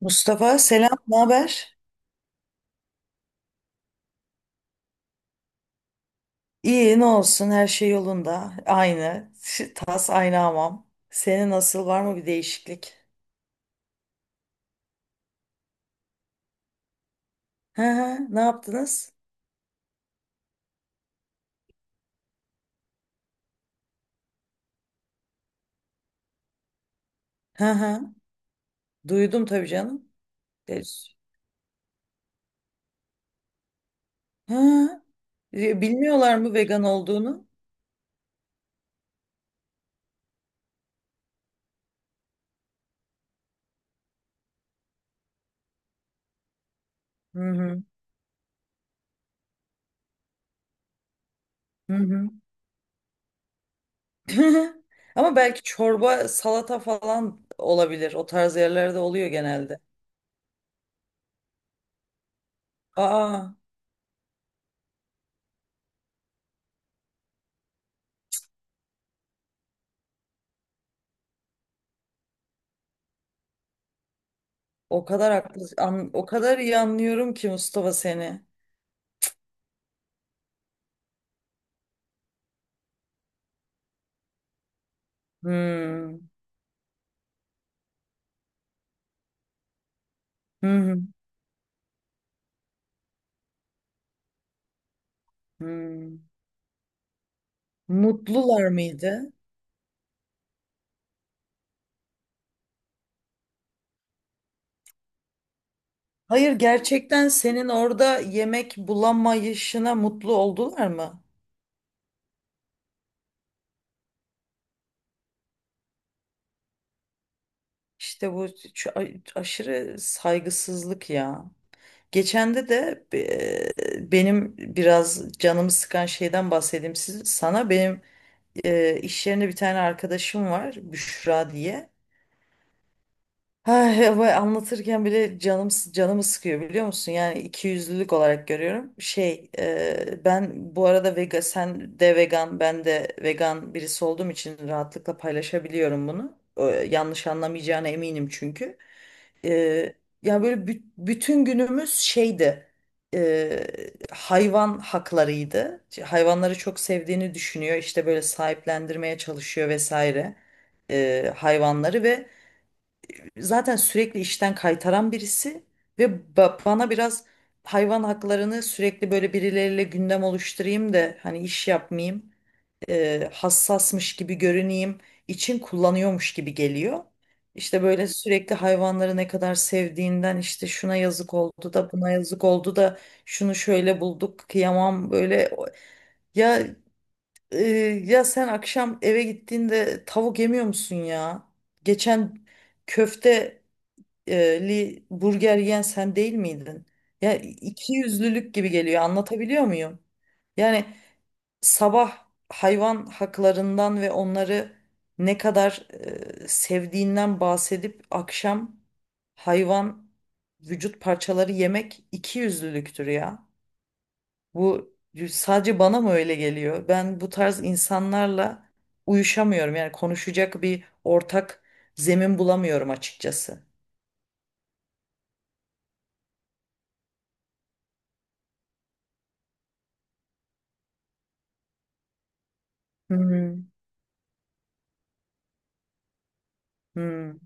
Mustafa selam, ne haber? İyi, ne olsun, her şey yolunda. Aynı. Tas aynı hamam. Senin nasıl, var mı bir değişiklik? Hı hı, ne yaptınız? Hı hı, duydum tabii canım. E, s- Hı. Bilmiyorlar mı vegan olduğunu? Hı hı, hı hı. Ama belki çorba, salata falan olabilir. O tarz yerlerde oluyor genelde. Aa, o kadar haklı, o kadar iyi anlıyorum ki Mustafa seni. Hmm. Hı hı. Hmm. Mutlular mıydı? Hayır, gerçekten senin orada yemek bulamayışına mutlu oldular mı? İşte bu aşırı saygısızlık ya. Geçende de benim biraz canımı sıkan şeyden bahsedeyim sana. Benim iş yerinde bir tane arkadaşım var, Büşra diye. Ay, bu anlatırken bile canım canımı sıkıyor biliyor musun? Yani ikiyüzlülük olarak görüyorum. Ben bu arada vegan, sen de vegan, ben de vegan birisi olduğum için rahatlıkla paylaşabiliyorum bunu. Yanlış anlamayacağına eminim çünkü. E, Ya böyle bütün günümüz şeydi. e, Hayvan haklarıydı. Hayvanları çok sevdiğini düşünüyor. İşte böyle sahiplendirmeye çalışıyor vesaire. Hayvanları ve zaten sürekli işten kaytaran birisi ve bana biraz hayvan haklarını sürekli böyle birileriyle gündem oluşturayım da hani iş yapmayayım, hassasmış gibi görüneyim için kullanıyormuş gibi geliyor. İşte böyle sürekli hayvanları ne kadar sevdiğinden işte şuna yazık oldu da buna yazık oldu da şunu şöyle bulduk kıyamam böyle ya, e, ya sen akşam eve gittiğinde tavuk yemiyor musun ya? Geçen köfte li burger yiyen sen değil miydin? Ya iki yüzlülük gibi geliyor. Anlatabiliyor muyum? Yani sabah hayvan haklarından ve onları ne kadar sevdiğinden bahsedip akşam hayvan vücut parçaları yemek iki yüzlülüktür ya. Bu sadece bana mı öyle geliyor? Ben bu tarz insanlarla uyuşamıyorum. Yani konuşacak bir ortak zemin bulamıyorum açıkçası. Hmm. Hmm.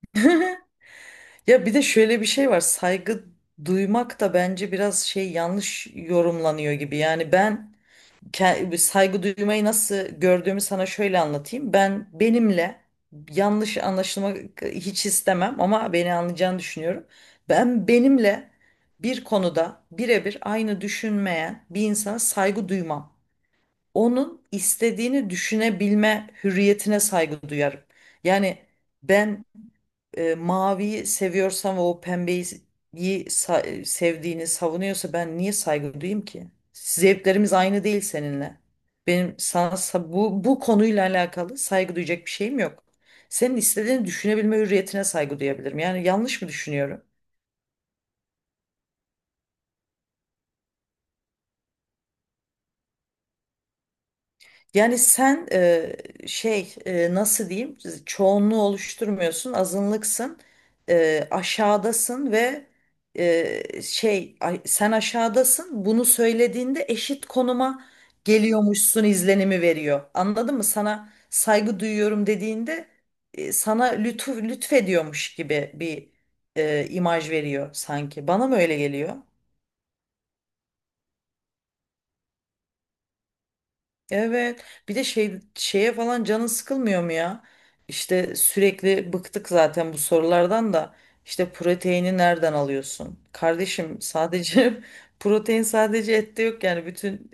Ya bir de şöyle bir şey var. Saygı duymak da bence biraz yanlış yorumlanıyor gibi. Yani ben saygı duymayı nasıl gördüğümü sana şöyle anlatayım. Ben benimle yanlış anlaşılmak hiç istemem ama beni anlayacağını düşünüyorum. Ben benimle bir konuda birebir aynı düşünmeyen bir insana saygı duymam. Onun istediğini düşünebilme hürriyetine saygı duyarım. Yani ben maviyi seviyorsan ve o pembeyi sevdiğini savunuyorsa ben niye saygı duyayım ki? Zevklerimiz aynı değil seninle. Benim sana bu konuyla alakalı saygı duyacak bir şeyim yok. Senin istediğini düşünebilme hürriyetine saygı duyabilirim. Yani yanlış mı düşünüyorum? Yani sen, nasıl diyeyim, çoğunluğu oluşturmuyorsun, azınlıksın, aşağıdasın. Ve sen aşağıdasın bunu söylediğinde eşit konuma geliyormuşsun izlenimi veriyor, anladın mı? Sana saygı duyuyorum dediğinde sana lütfediyormuş gibi bir imaj veriyor sanki, bana mı öyle geliyor? Evet. Bir de şeye falan canın sıkılmıyor mu ya? İşte sürekli bıktık zaten bu sorulardan da. İşte proteini nereden alıyorsun? Kardeşim, sadece protein sadece ette yok yani bütün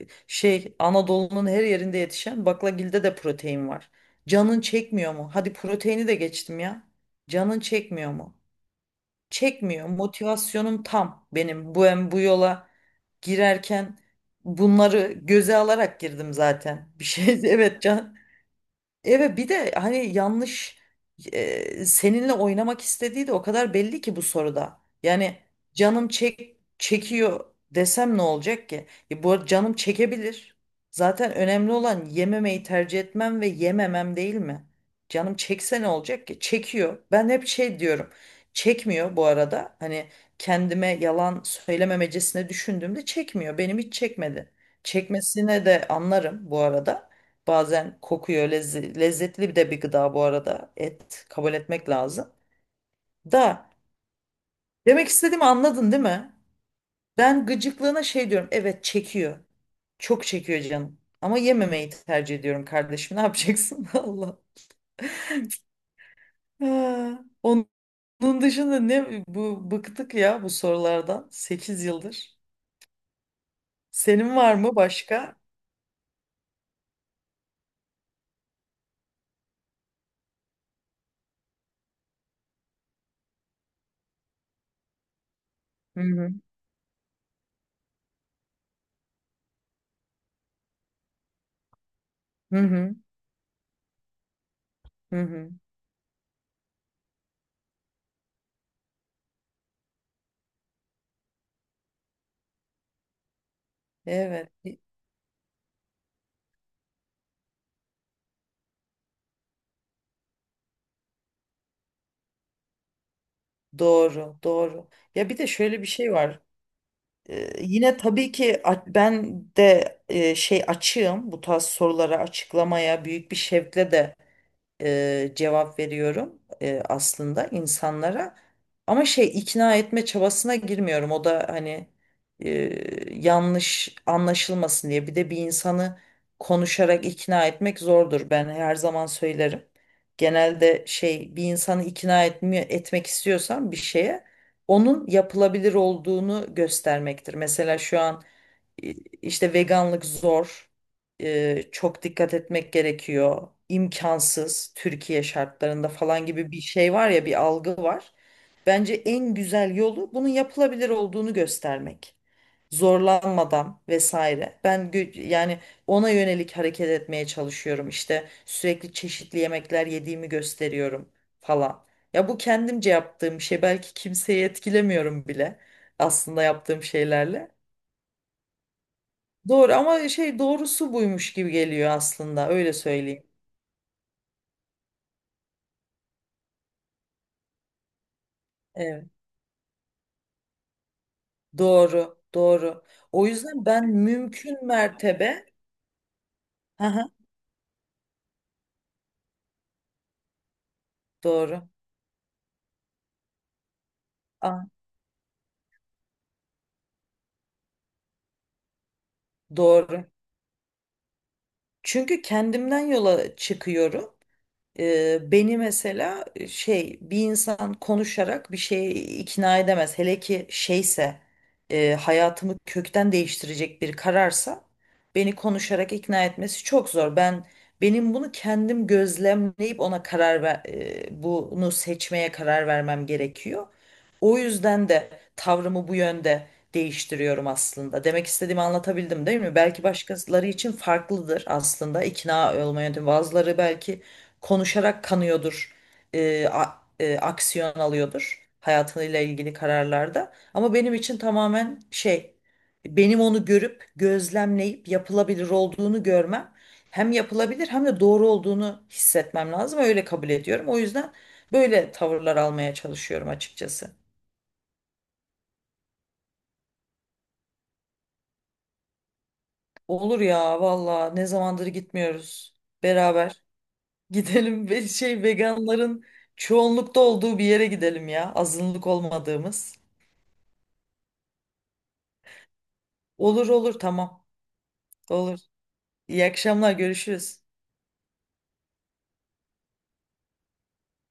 Anadolu'nun her yerinde yetişen baklagilde de protein var. Canın çekmiyor mu? Hadi proteini de geçtim ya. Canın çekmiyor mu? Çekmiyor. Motivasyonum tam benim. Bu hem bu yola girerken bunları göze alarak girdim zaten. Bir şey. Evet, evet, bir de hani yanlış seninle oynamak istediği de o kadar belli ki bu soruda. Yani canım çekiyor desem ne olacak ki? Bu arada canım çekebilir. Zaten önemli olan yememeyi tercih etmem ve yememem değil mi? Canım çekse ne olacak ki? Çekiyor. Ben hep şey diyorum. Çekmiyor bu arada. Hani kendime yalan söylememecesine düşündüğümde çekmiyor. Benim hiç çekmedi. Çekmesine de anlarım bu arada. Bazen kokuyor. Lezzetli bir de bir gıda bu arada. Et, kabul etmek lazım. Da Demek istediğimi anladın değil mi? Ben gıcıklığına şey diyorum. Evet çekiyor. Çok çekiyor canım. Ama yememeyi tercih ediyorum kardeşim. Ne yapacaksın? Allah. Ha, onun dışında ne bu, bıktık ya bu sorulardan. 8 yıldır. Senin var mı başka? Hı hı. Hı hı. Hı hı. Evet. Doğru, doğru. Ya bir de şöyle bir şey var. Yine tabii ki ben de açığım bu tarz sorulara, açıklamaya büyük bir şevkle de cevap veriyorum aslında insanlara. Ama ikna etme çabasına girmiyorum. O da hani e, yanlış anlaşılmasın diye. Bir de bir insanı konuşarak ikna etmek zordur. Ben her zaman söylerim. Genelde bir insanı ikna etmek istiyorsan bir şeye, onun yapılabilir olduğunu göstermektir. Mesela şu an işte veganlık zor. Çok dikkat etmek gerekiyor. İmkansız Türkiye şartlarında falan gibi bir şey var ya, bir algı var. Bence en güzel yolu, bunun yapılabilir olduğunu göstermek. Zorlanmadan vesaire. Ben yani ona yönelik hareket etmeye çalışıyorum. İşte sürekli çeşitli yemekler yediğimi gösteriyorum falan. Ya bu kendimce yaptığım bir şey. Belki kimseyi etkilemiyorum bile aslında yaptığım şeylerle. Doğru ama doğrusu buymuş gibi geliyor aslında, öyle söyleyeyim. Evet. Doğru, doğru. O yüzden ben mümkün mertebe, aha, doğru, ah, doğru. Çünkü kendimden yola çıkıyorum. Beni mesela bir insan konuşarak bir şeye ikna edemez. Hele ki şeyse, hayatımı kökten değiştirecek bir kararsa beni konuşarak ikna etmesi çok zor. Ben benim bunu kendim gözlemleyip ona karar bunu seçmeye karar vermem gerekiyor. O yüzden de tavrımı bu yönde değiştiriyorum aslında. Demek istediğimi anlatabildim değil mi? Belki başkaları için farklıdır aslında ikna olma yöntemi. Bazıları belki konuşarak kanıyordur, aksiyon alıyordur hayatıyla ilgili kararlarda. Ama benim için tamamen benim onu görüp gözlemleyip yapılabilir olduğunu görmem, hem yapılabilir hem de doğru olduğunu hissetmem lazım. Öyle kabul ediyorum. O yüzden böyle tavırlar almaya çalışıyorum açıkçası. Olur ya valla, ne zamandır gitmiyoruz beraber. Gidelim ve veganların çoğunlukta olduğu bir yere gidelim ya. Azınlık olmadığımız. Olur olur, tamam. Olur. İyi akşamlar, görüşürüz.